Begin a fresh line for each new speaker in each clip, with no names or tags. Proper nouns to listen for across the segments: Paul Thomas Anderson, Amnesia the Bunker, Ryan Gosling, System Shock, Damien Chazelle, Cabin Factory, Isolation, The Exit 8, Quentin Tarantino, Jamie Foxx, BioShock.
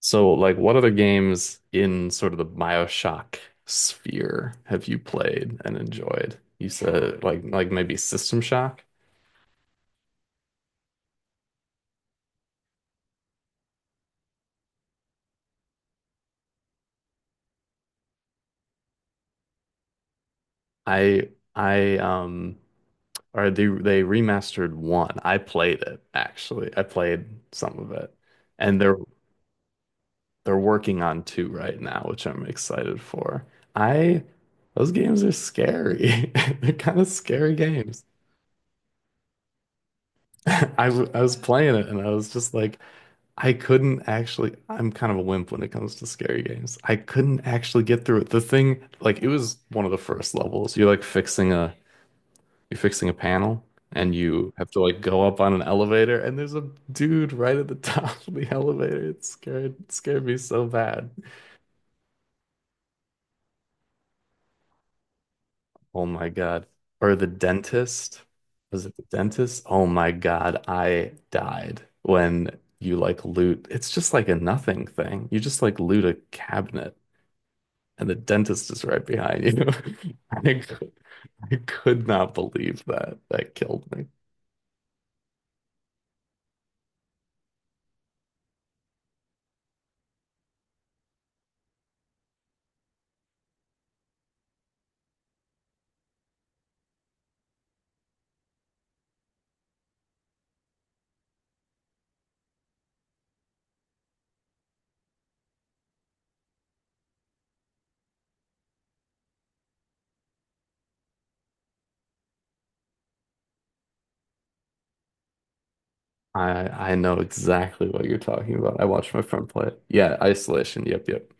So, like, what other games in sort of the BioShock sphere have you played and enjoyed? You said like maybe System Shock. I I or they remastered one. I played it actually. I played some of it, and they're working on two right now, which I'm excited for. I those games are scary. They're kind of scary games. I was playing it and I was just like. I couldn't actually, I'm kind of a wimp when it comes to scary games. I couldn't actually get through it. The thing, like, it was one of the first levels. You're fixing a panel and you have to like go up on an elevator and there's a dude right at the top of the elevator. It scared me so bad. Oh my God. Or the dentist. Was it the dentist? Oh my God. I died when you like loot. It's just like a nothing thing. You just like loot a cabinet and the dentist is right behind you. I, cou- I could not believe that. That killed me. I know exactly what you're talking about. I watched my friend play it. Yeah, Isolation. Yep, yep.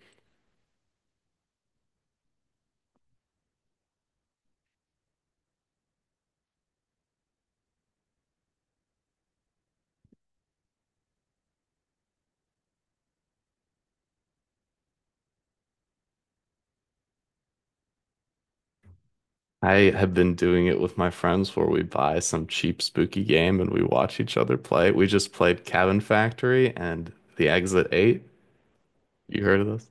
I have been doing it with my friends where we buy some cheap spooky game and we watch each other play. We just played Cabin Factory and The Exit 8. You heard of this?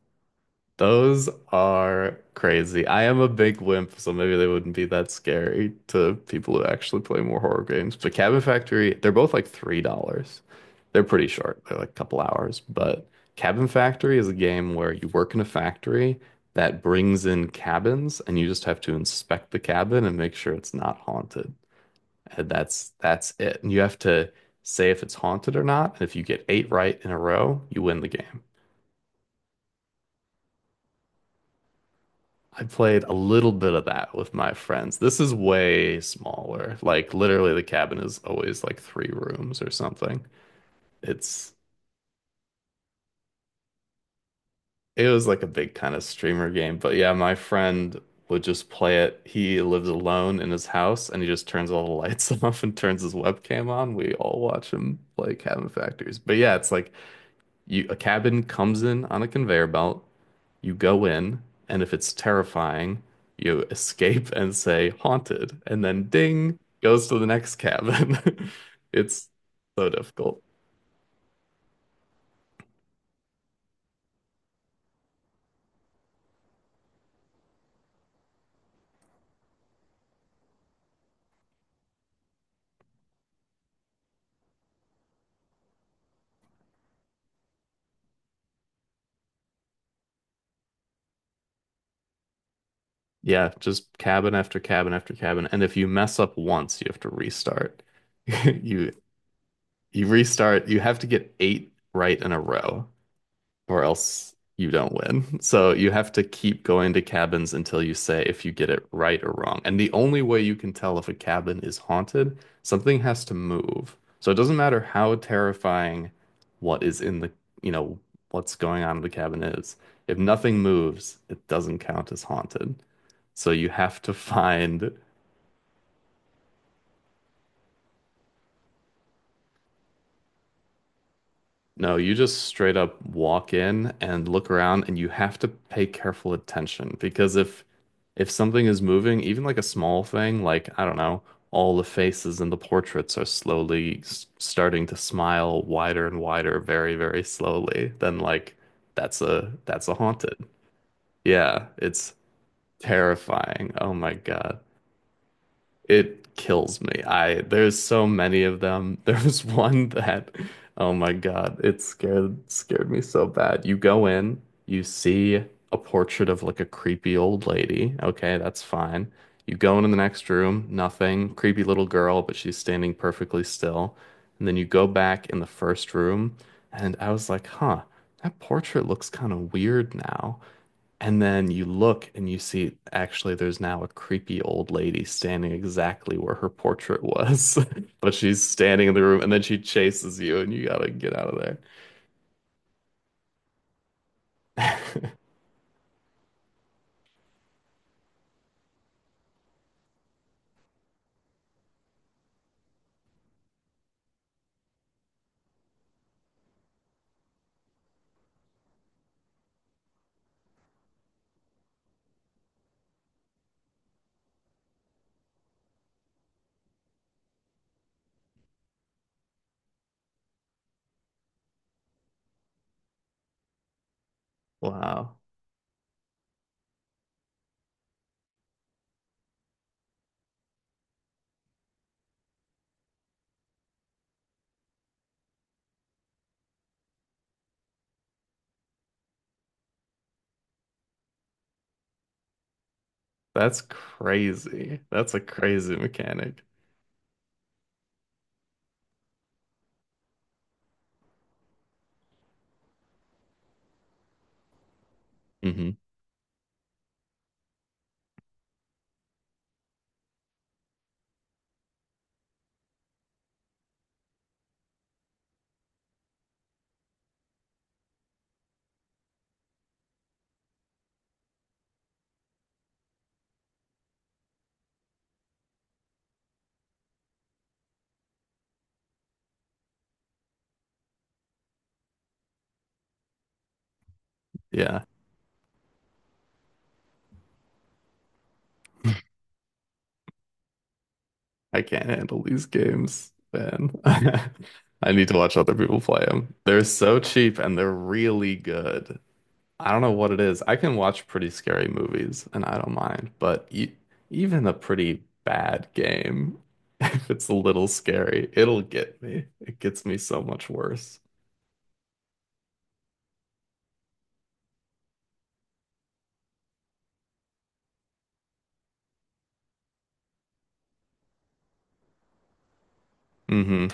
Those are crazy. I am a big wimp, so maybe they wouldn't be that scary to people who actually play more horror games. But Cabin Factory, they're both like $3. They're pretty short. They're like a couple hours. But Cabin Factory is a game where you work in a factory that brings in cabins and you just have to inspect the cabin and make sure it's not haunted. And that's it. And you have to say if it's haunted or not. And if you get eight right in a row, you win the game. I played a little bit of that with my friends. This is way smaller. Like literally the cabin is always like three rooms or something. It's it was like a big kind of streamer game, but yeah, my friend would just play it. He lives alone in his house and he just turns all the lights off and turns his webcam on. We all watch him play Cabin Factories. But yeah, it's like you a cabin comes in on a conveyor belt. You go in, and if it's terrifying, you escape and say haunted, and then ding goes to the next cabin. It's so difficult. Yeah, just cabin after cabin after cabin. And if you mess up once, you have to restart. You you restart, you have to get eight right in a row, or else you don't win. So you have to keep going to cabins until you say if you get it right or wrong. And the only way you can tell if a cabin is haunted, something has to move. So it doesn't matter how terrifying what is in the, you know, what's going on in the cabin is. If nothing moves, it doesn't count as haunted. So you have to find No, you just straight up walk in and look around and you have to pay careful attention because if something is moving, even like a small thing, like I don't know, all the faces in the portraits are slowly s starting to smile wider and wider very, very slowly, then like that's a haunted. Yeah, it's terrifying. Oh my God. It kills me. I there's so many of them. There was one that, oh my God, it scared scared me so bad. You go in, you see a portrait of like a creepy old lady. Okay, that's fine. You go into the next room, nothing. Creepy little girl, but she's standing perfectly still. And then you go back in the first room, and I was like, huh, that portrait looks kind of weird now. And then you look and you see actually there's now a creepy old lady standing exactly where her portrait was. But she's standing in the room and then she chases you and you gotta get out of there. Wow. That's crazy. That's a crazy mechanic. hmm Yeah. I can't handle these games, man. I need to watch other people play them. They're so cheap and they're really good. I don't know what it is. I can watch pretty scary movies and I don't mind, but e even a pretty bad game, if it's a little scary, it'll get me. It gets me so much worse. hmm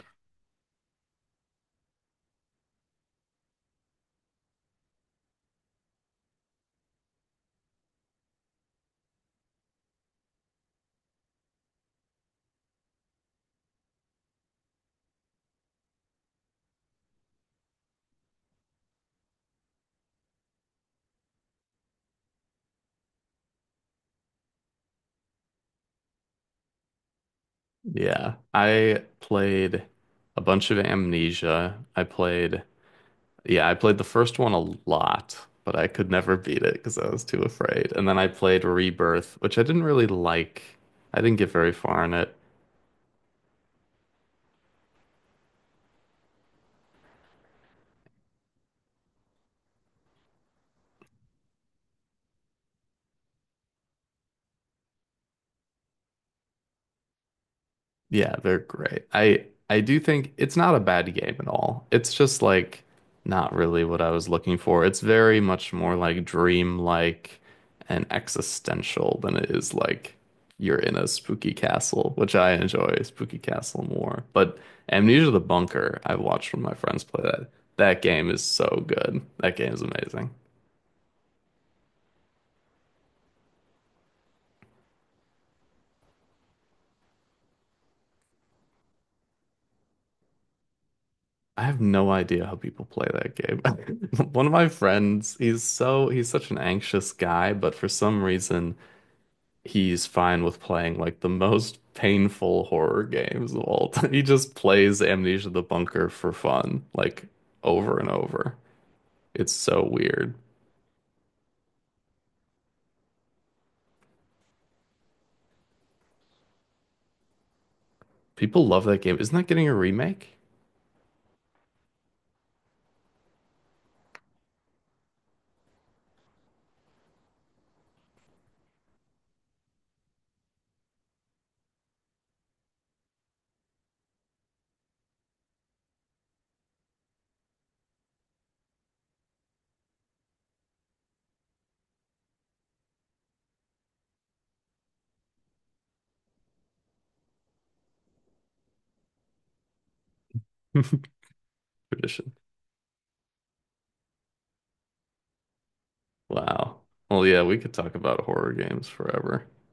Yeah. I played a bunch of Amnesia. I played, yeah, I played the first one a lot, but I could never beat it because I was too afraid. And then I played Rebirth, which I didn't really like. I didn't get very far in it. Yeah, they're great. I do think it's not a bad game at all. It's just like not really what I was looking for. It's very much more like dream-like and existential than it is like you're in a spooky castle, which I enjoy spooky castle more. But Amnesia the Bunker, I watched one of my friends play that. That game is so good. That game is amazing. I have no idea how people play that game. One of my friends, he's such an anxious guy, but for some reason he's fine with playing like the most painful horror games of all time. He just plays Amnesia the Bunker for fun, like over and over. It's so weird. People love that game. Isn't that getting a remake? Tradition. Wow. Well, yeah, we could talk about horror games forever.